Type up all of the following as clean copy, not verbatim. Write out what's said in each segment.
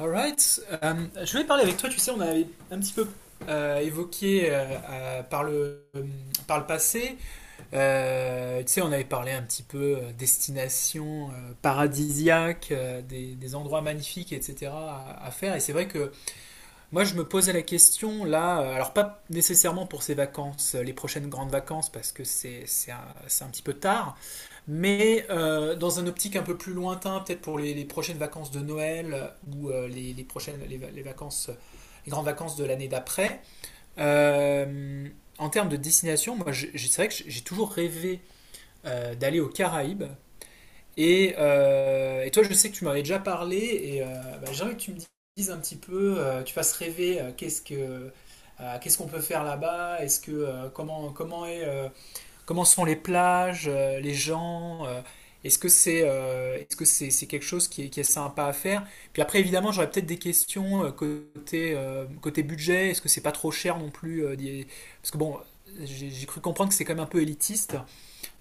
Alright. Je voulais parler avec toi, tu sais, on avait un petit peu évoqué par par le passé. Tu sais, on avait parlé un petit peu destination paradisiaque, des endroits magnifiques, etc. À faire. Et c'est vrai que moi, je me posais la question là, alors pas nécessairement pour ces vacances, les prochaines grandes vacances, parce que c'est un, c'est un petit peu tard, mais dans un optique un peu plus lointain, peut-être pour les prochaines vacances de Noël ou les les vacances, les grandes vacances de l'année d'après. Euh, En termes de destination, moi, c'est vrai que j'ai toujours rêvé d'aller aux Caraïbes. Et et toi, je sais que tu m'avais déjà parlé, j'aimerais que tu me dises un petit peu, tu fasses rêver. Qu'est-ce que, qu'est-ce qu'on peut faire là-bas, est-ce que comment est comment sont les plages, les gens, est-ce que c'est est-ce que c'est quelque chose qui est sympa à faire? Puis après, évidemment, j'aurais peut-être des questions côté côté budget, est-ce que c'est pas trop cher non plus parce que bon, j'ai cru comprendre que c'est quand même un peu élitiste.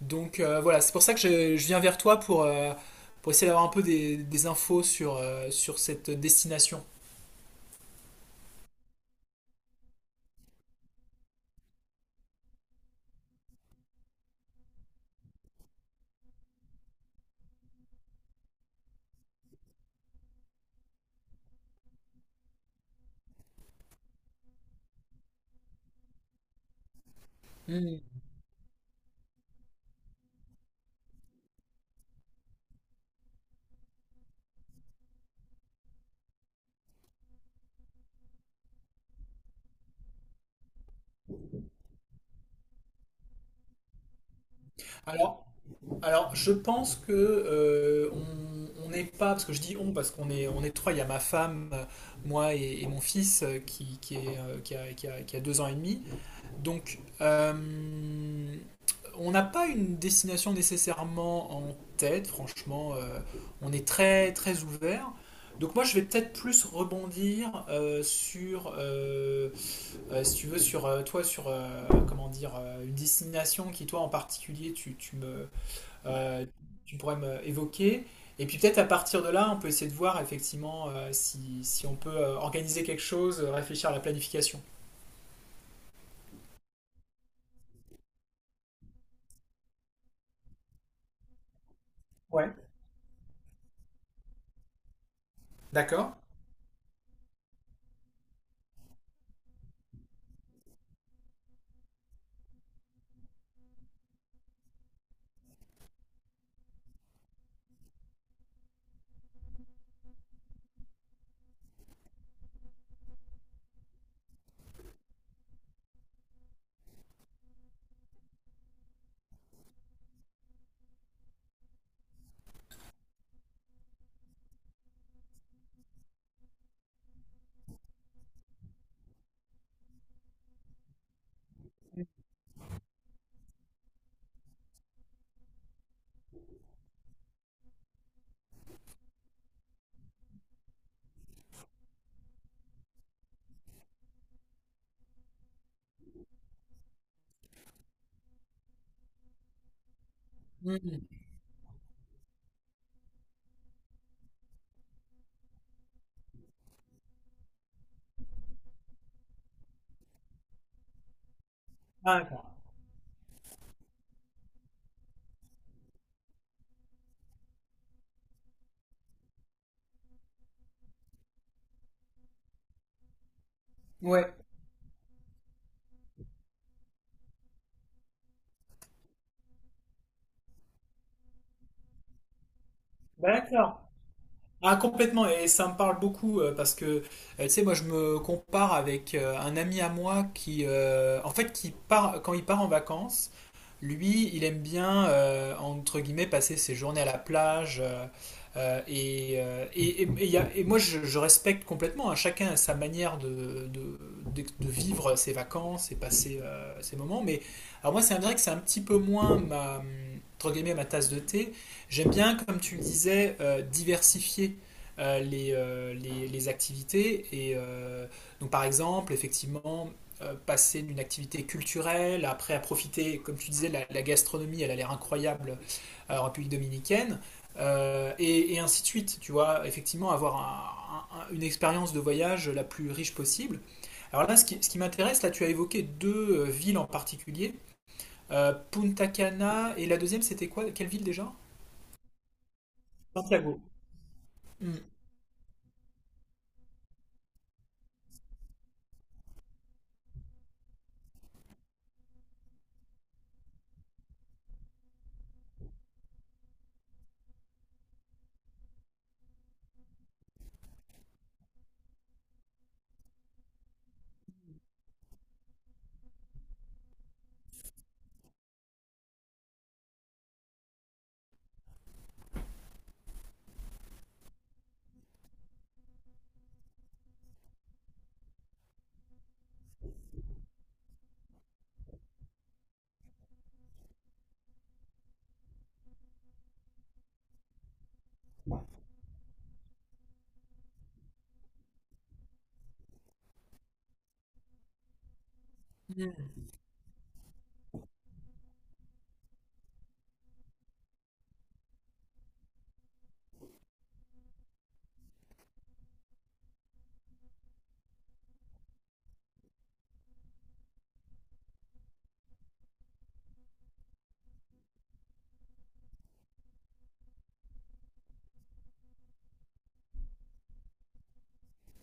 Voilà, c'est pour ça que je viens vers toi pour essayer d'avoir un peu des infos sur cette destination. Hmm. Alors, alors je pense que on n'est pas, parce que je dis on, parce qu'on est, on est trois, il y a ma femme, moi et mon fils qui, est, qui a, qui a- qui a deux ans et demi. Donc, euh, on n'a pas une destination nécessairement en tête, franchement. On est très très ouvert. Donc moi je vais peut-être plus rebondir si tu veux, sur toi, sur comment dire, une destination qui toi en particulier tu me, euh, tu pourrais me évoquer. Et puis peut-être à partir de là, on peut essayer de voir effectivement si, si on peut organiser quelque chose, réfléchir à la planification. Ouais. D'accord? Mhm. Ah, ouais, d'accord. Ah, complètement, et ça me parle beaucoup parce que, tu sais, moi je me compare avec un ami à moi en fait, qui part, quand il part en vacances. Lui, il aime bien, entre guillemets, passer ses journées à la plage. Et il et moi, je respecte complètement, hein. Chacun a sa manière de vivre ses vacances et passer ses moments. Mais alors moi, je dirais que c'est un petit peu moins ma, entre guillemets, ma tasse de thé. J'aime bien, comme tu le disais, diversifier les activités. Donc, par exemple, effectivement, passer d'une activité culturelle, après à profiter, comme tu disais, la gastronomie, elle a l'air incroyable en République dominicaine, et, ainsi de suite, tu vois, effectivement avoir une expérience de voyage la plus riche possible. Alors là, ce qui m'intéresse, là tu as évoqué deux villes en particulier, Punta Cana, et la deuxième c'était quoi? Quelle ville déjà? Santiago. Mm.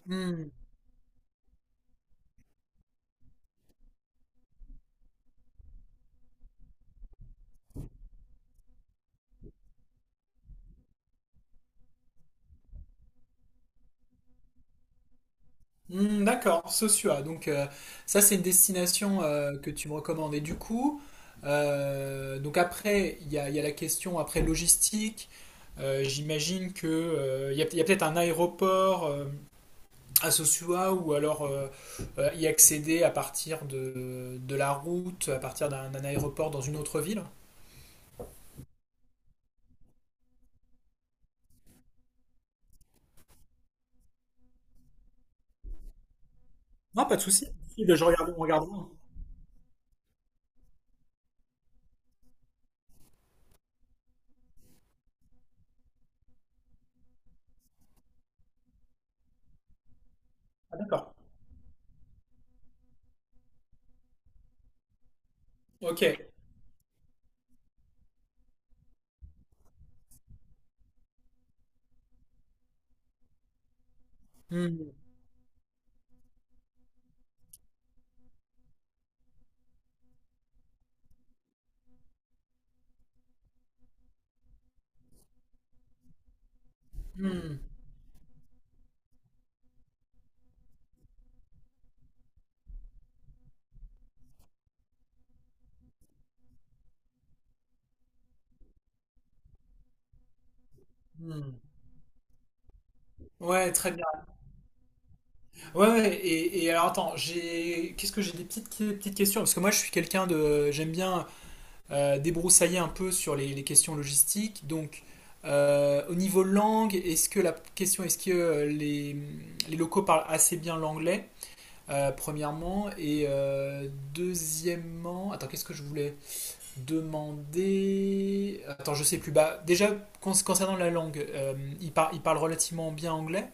Mm. Hmm, d'accord, Sosua. Ça, c'est une destination que tu me recommandes. Et du coup, donc après, il y a la question après logistique. J'imagine que il y a peut-être un aéroport à Sosua ou alors y accéder à partir de la route, à partir d'un aéroport dans une autre ville. Non, pas de souci. Si, ben, je regarde, on regarde. Ah, d'accord. Ok. Hmm, hmm, hmm. Ouais, très bien. Ouais, ouais, et alors attends, j'ai qu'est-ce que j'ai? Des petites, des petites questions parce que moi je suis quelqu'un de, j'aime bien débroussailler un peu sur les questions logistiques. Donc au niveau langue, est-ce que la question est-ce que les locaux parlent assez bien l'anglais premièrement et deuxièmement, attends, qu'est-ce que je voulais demander? Attends, je sais plus. Bah, déjà concernant la langue, ils parlent relativement bien anglais.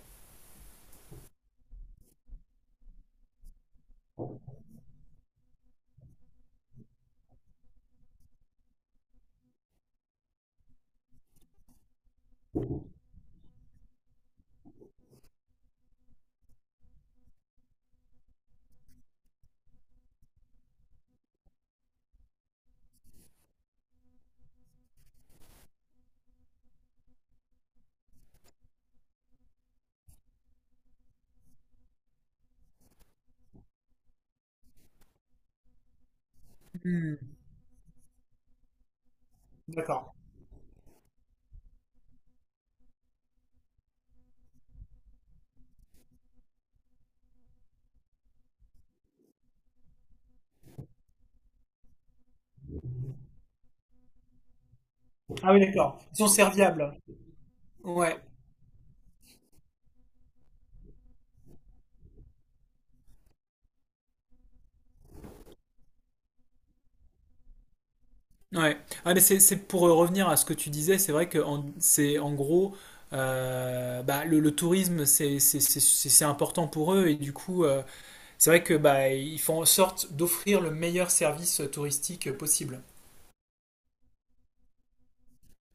Hmm, d'accord. Ah oui, d'accord. Ils sont serviables. Ouais, ouais. Ah, mais c'est pour revenir à ce que tu disais, c'est vrai que c'est en gros, le tourisme, c'est important pour eux et du coup, c'est vrai que bah, ils font en sorte d'offrir le meilleur service touristique possible.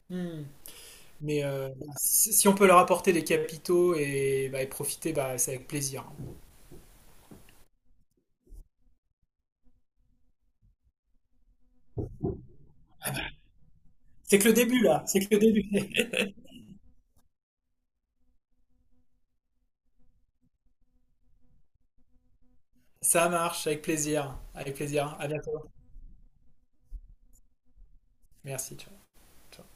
Hmm. Mais si si on peut leur apporter des capitaux et, bah, et profiter, bah, c'est avec plaisir. C'est que le début là, c'est que le début. Ça marche, avec plaisir, avec plaisir. À bientôt. Merci, ciao. Ciao.